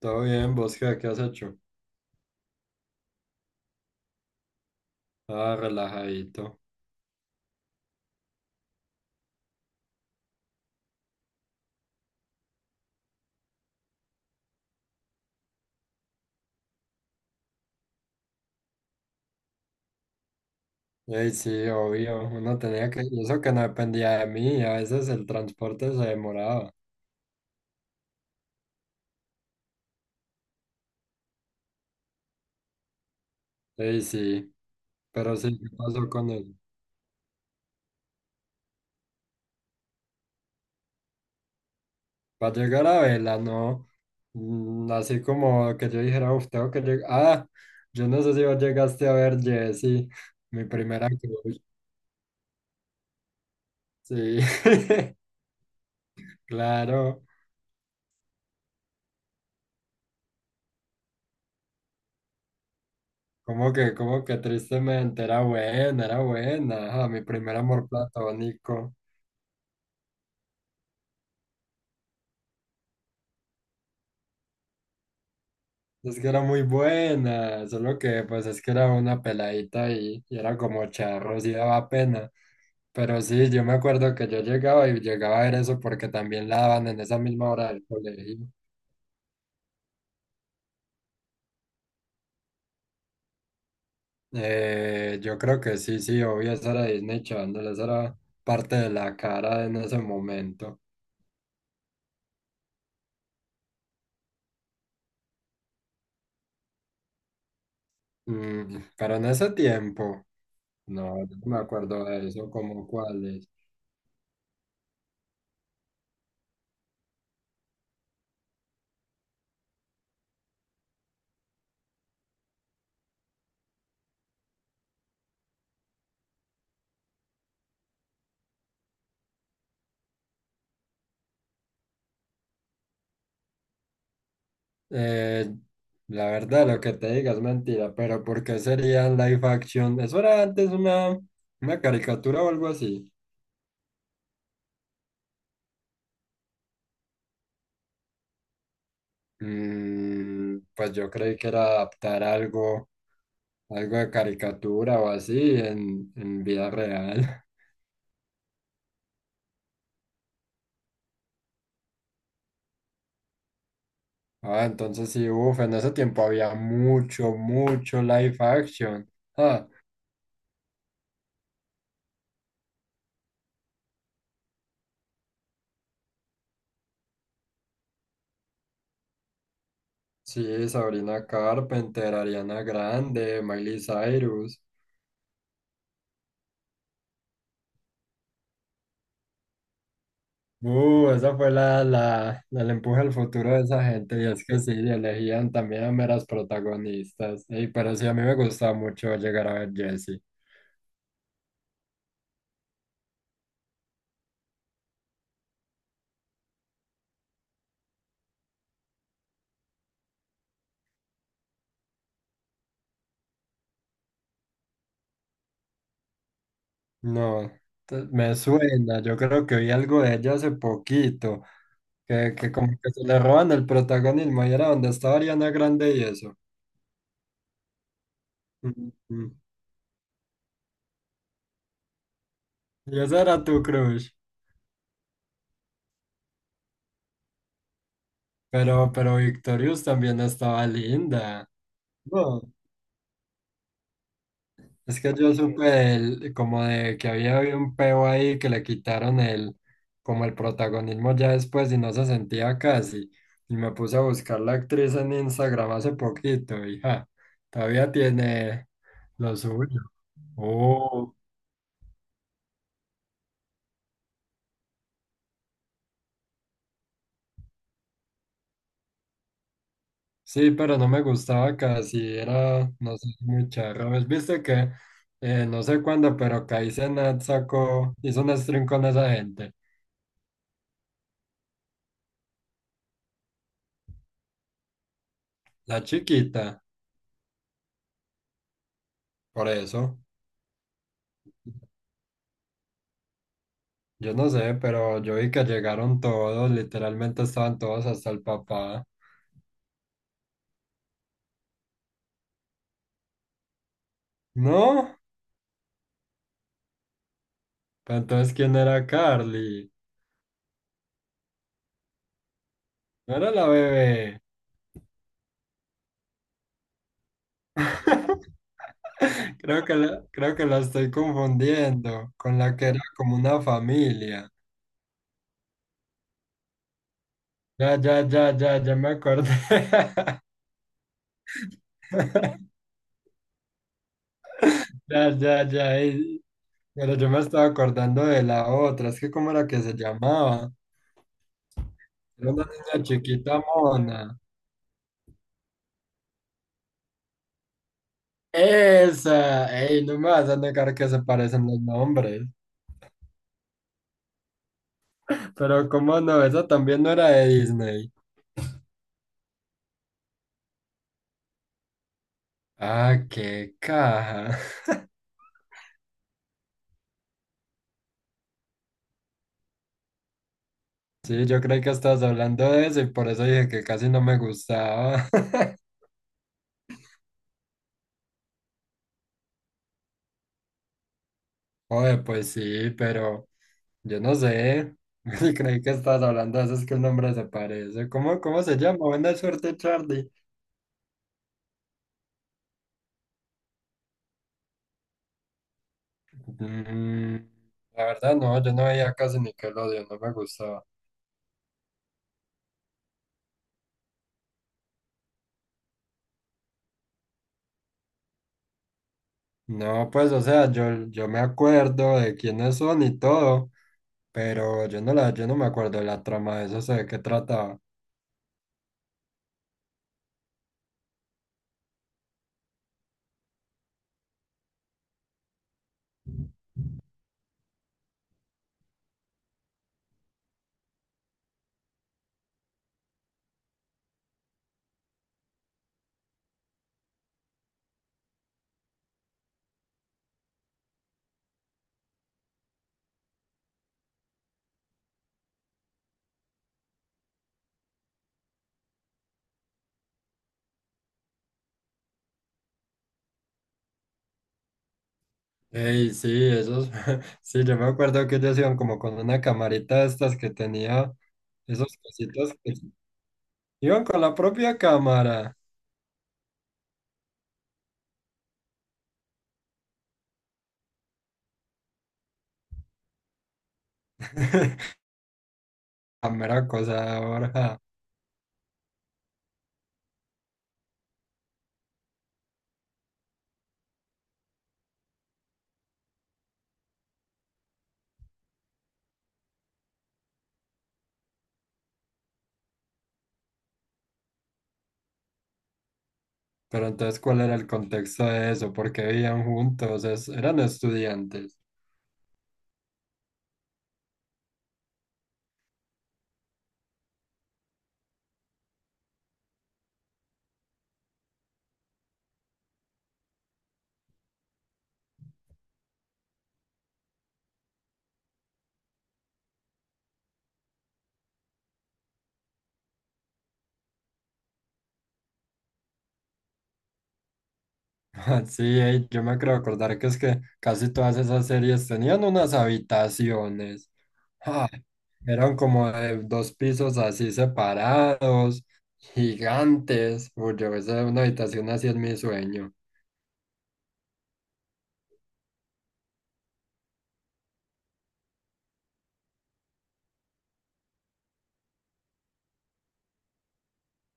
Todo bien, ¿vos qué, has hecho? Ah, relajadito. Ey, sí, obvio, uno tenía que, y eso que no dependía de mí, a veces el transporte se demoraba. Ey, sí, pero sí, ¿qué pasó con eso? Para llegar a Vela, no, así como que yo dijera, uf, tengo que llegar, yo no sé si vos llegaste a ver Jessy, mi primera cruz, sí, claro, como que tristemente, era buena, ajá, mi primer amor platónico. Es que era muy buena, solo que pues es que era una peladita y era como charros y daba pena. Pero sí, yo me acuerdo que yo llegaba y llegaba a ver eso porque también la daban en esa misma hora del colegio. Yo creo que sí, sí, obvio, eso era Disney Channel, eso era parte de la cara en ese momento. Pero en ese tiempo, no, yo no me acuerdo de eso, como cuál. Eh, la verdad, lo que te diga es mentira, pero ¿por qué serían live action? Eso era antes una caricatura o algo así. Pues yo creí que era adaptar algo, algo de caricatura o así en vida real. Ah, entonces sí, uff, en ese tiempo había mucho, mucho live action. Ah, sí, Sabrina Carpenter, Ariana Grande, Miley Cyrus. Esa fue el empuje al futuro de esa gente, y es que sí, elegían también a meras protagonistas. Ey, pero sí, a mí me gustaba mucho llegar a ver Jessie. No, me suena, yo creo que vi algo de ella hace poquito, que como que se le roban el protagonismo, y era donde estaba Ariana Grande y eso. Ujú. Y esa era tu crush, pero Victorious también estaba linda. No. Es que yo supe como de que había habido un peo ahí que le quitaron el, como el protagonismo ya después y no se sentía casi. Y me puse a buscar la actriz en Instagram hace poquito y ja, todavía tiene lo suyo. Oh, sí, pero no me gustaba casi, era, no sé, muy charro. ¿Ves? Viste que, no sé cuándo, pero Kai Cenat sacó, hizo un stream con esa gente. La chiquita, por eso. Yo no sé, pero yo vi que llegaron todos, literalmente estaban todos hasta el papá. ¿No? Pero entonces, ¿quién era Carly? No era la bebé. Creo que la estoy confundiendo con la que era como una familia. Ya, ya, ya, ya, ya me acordé. Ya, ya, ya. Pero yo me estaba acordando de la otra. Es que, ¿cómo era que se llamaba? Era una niña chiquita mona. Esa, ey, no me vas a negar que se parecen los nombres. Pero cómo no, esa también no era de Disney. Ah, qué caja. Sí, yo creí que estabas hablando de eso y por eso dije que casi no me gustaba. Oye, pues sí, pero yo no sé. Sí, creí que estabas hablando de eso, es que el nombre se parece. ¿Cómo, cómo se llama? Buena suerte, Charlie. Mm, la verdad, no, yo no veía casi Nickelodeon, no me gustaba. No, pues, o sea, yo me acuerdo de quiénes son y todo, pero yo no me acuerdo de la trama de eso, sé de qué trataba. Ey, sí, esos, sí, yo me acuerdo que ellos iban como con una camarita de estas que tenía esos cositos que iban con la propia cámara. La mera cosa ahora. Pero entonces, ¿cuál era el contexto de eso? ¿Por qué vivían juntos? Eran estudiantes. Sí, ey, yo me creo acordar que es que casi todas esas series tenían unas habitaciones. Ah, eran como de dos pisos así separados, gigantes. Uy, yo esa es una habitación así en mi sueño.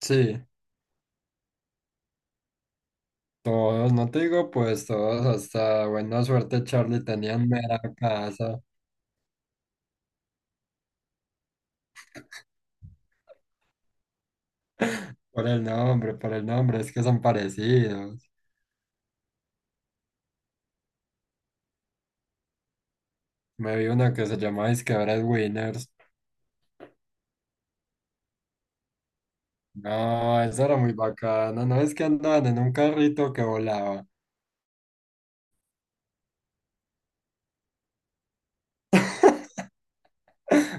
Sí, todos, no te digo pues todos, hasta buena suerte Charlie tenían mera casa. Por el nombre, es que son parecidos. Me vi una que se llama Disque Breadwinners. No, eso era muy bacano, no es que andaban en un carrito que volaba.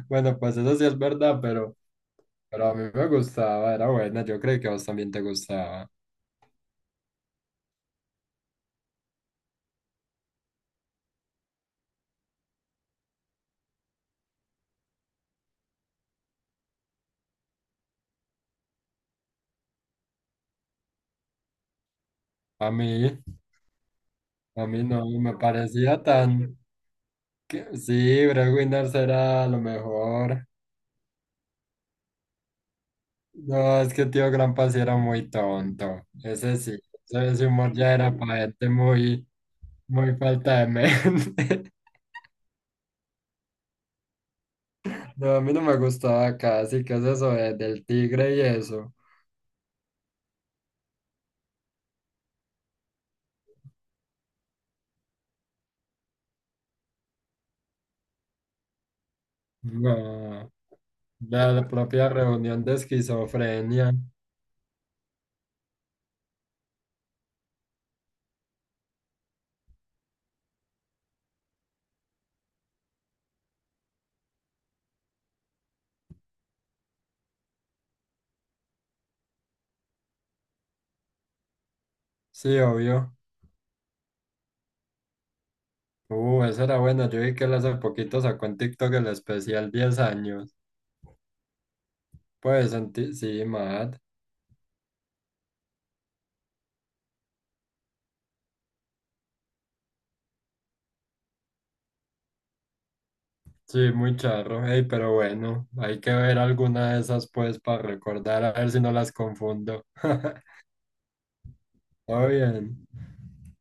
Bueno, pues eso sí es verdad, pero a mí me gustaba, era buena, yo creo que a vos también te gustaba. A mí, a mí no, me parecía tan... Sí, Brad Winners era lo mejor. No, es que tío Grampa sí era muy tonto, ese sí, ese humor ya era para gente muy, muy falta de mente. No, a mí no me gustaba casi, ¿qué es eso del tigre y eso? No, la propia reunión de esquizofrenia. Sí, obvio. Esa era buena. Yo vi que él hace poquito sacó en TikTok el especial 10 años. Sí, Matt. Sí, muy charro. Ey, pero bueno, hay que ver alguna de esas pues para recordar, a ver si no las confundo. Todo bien.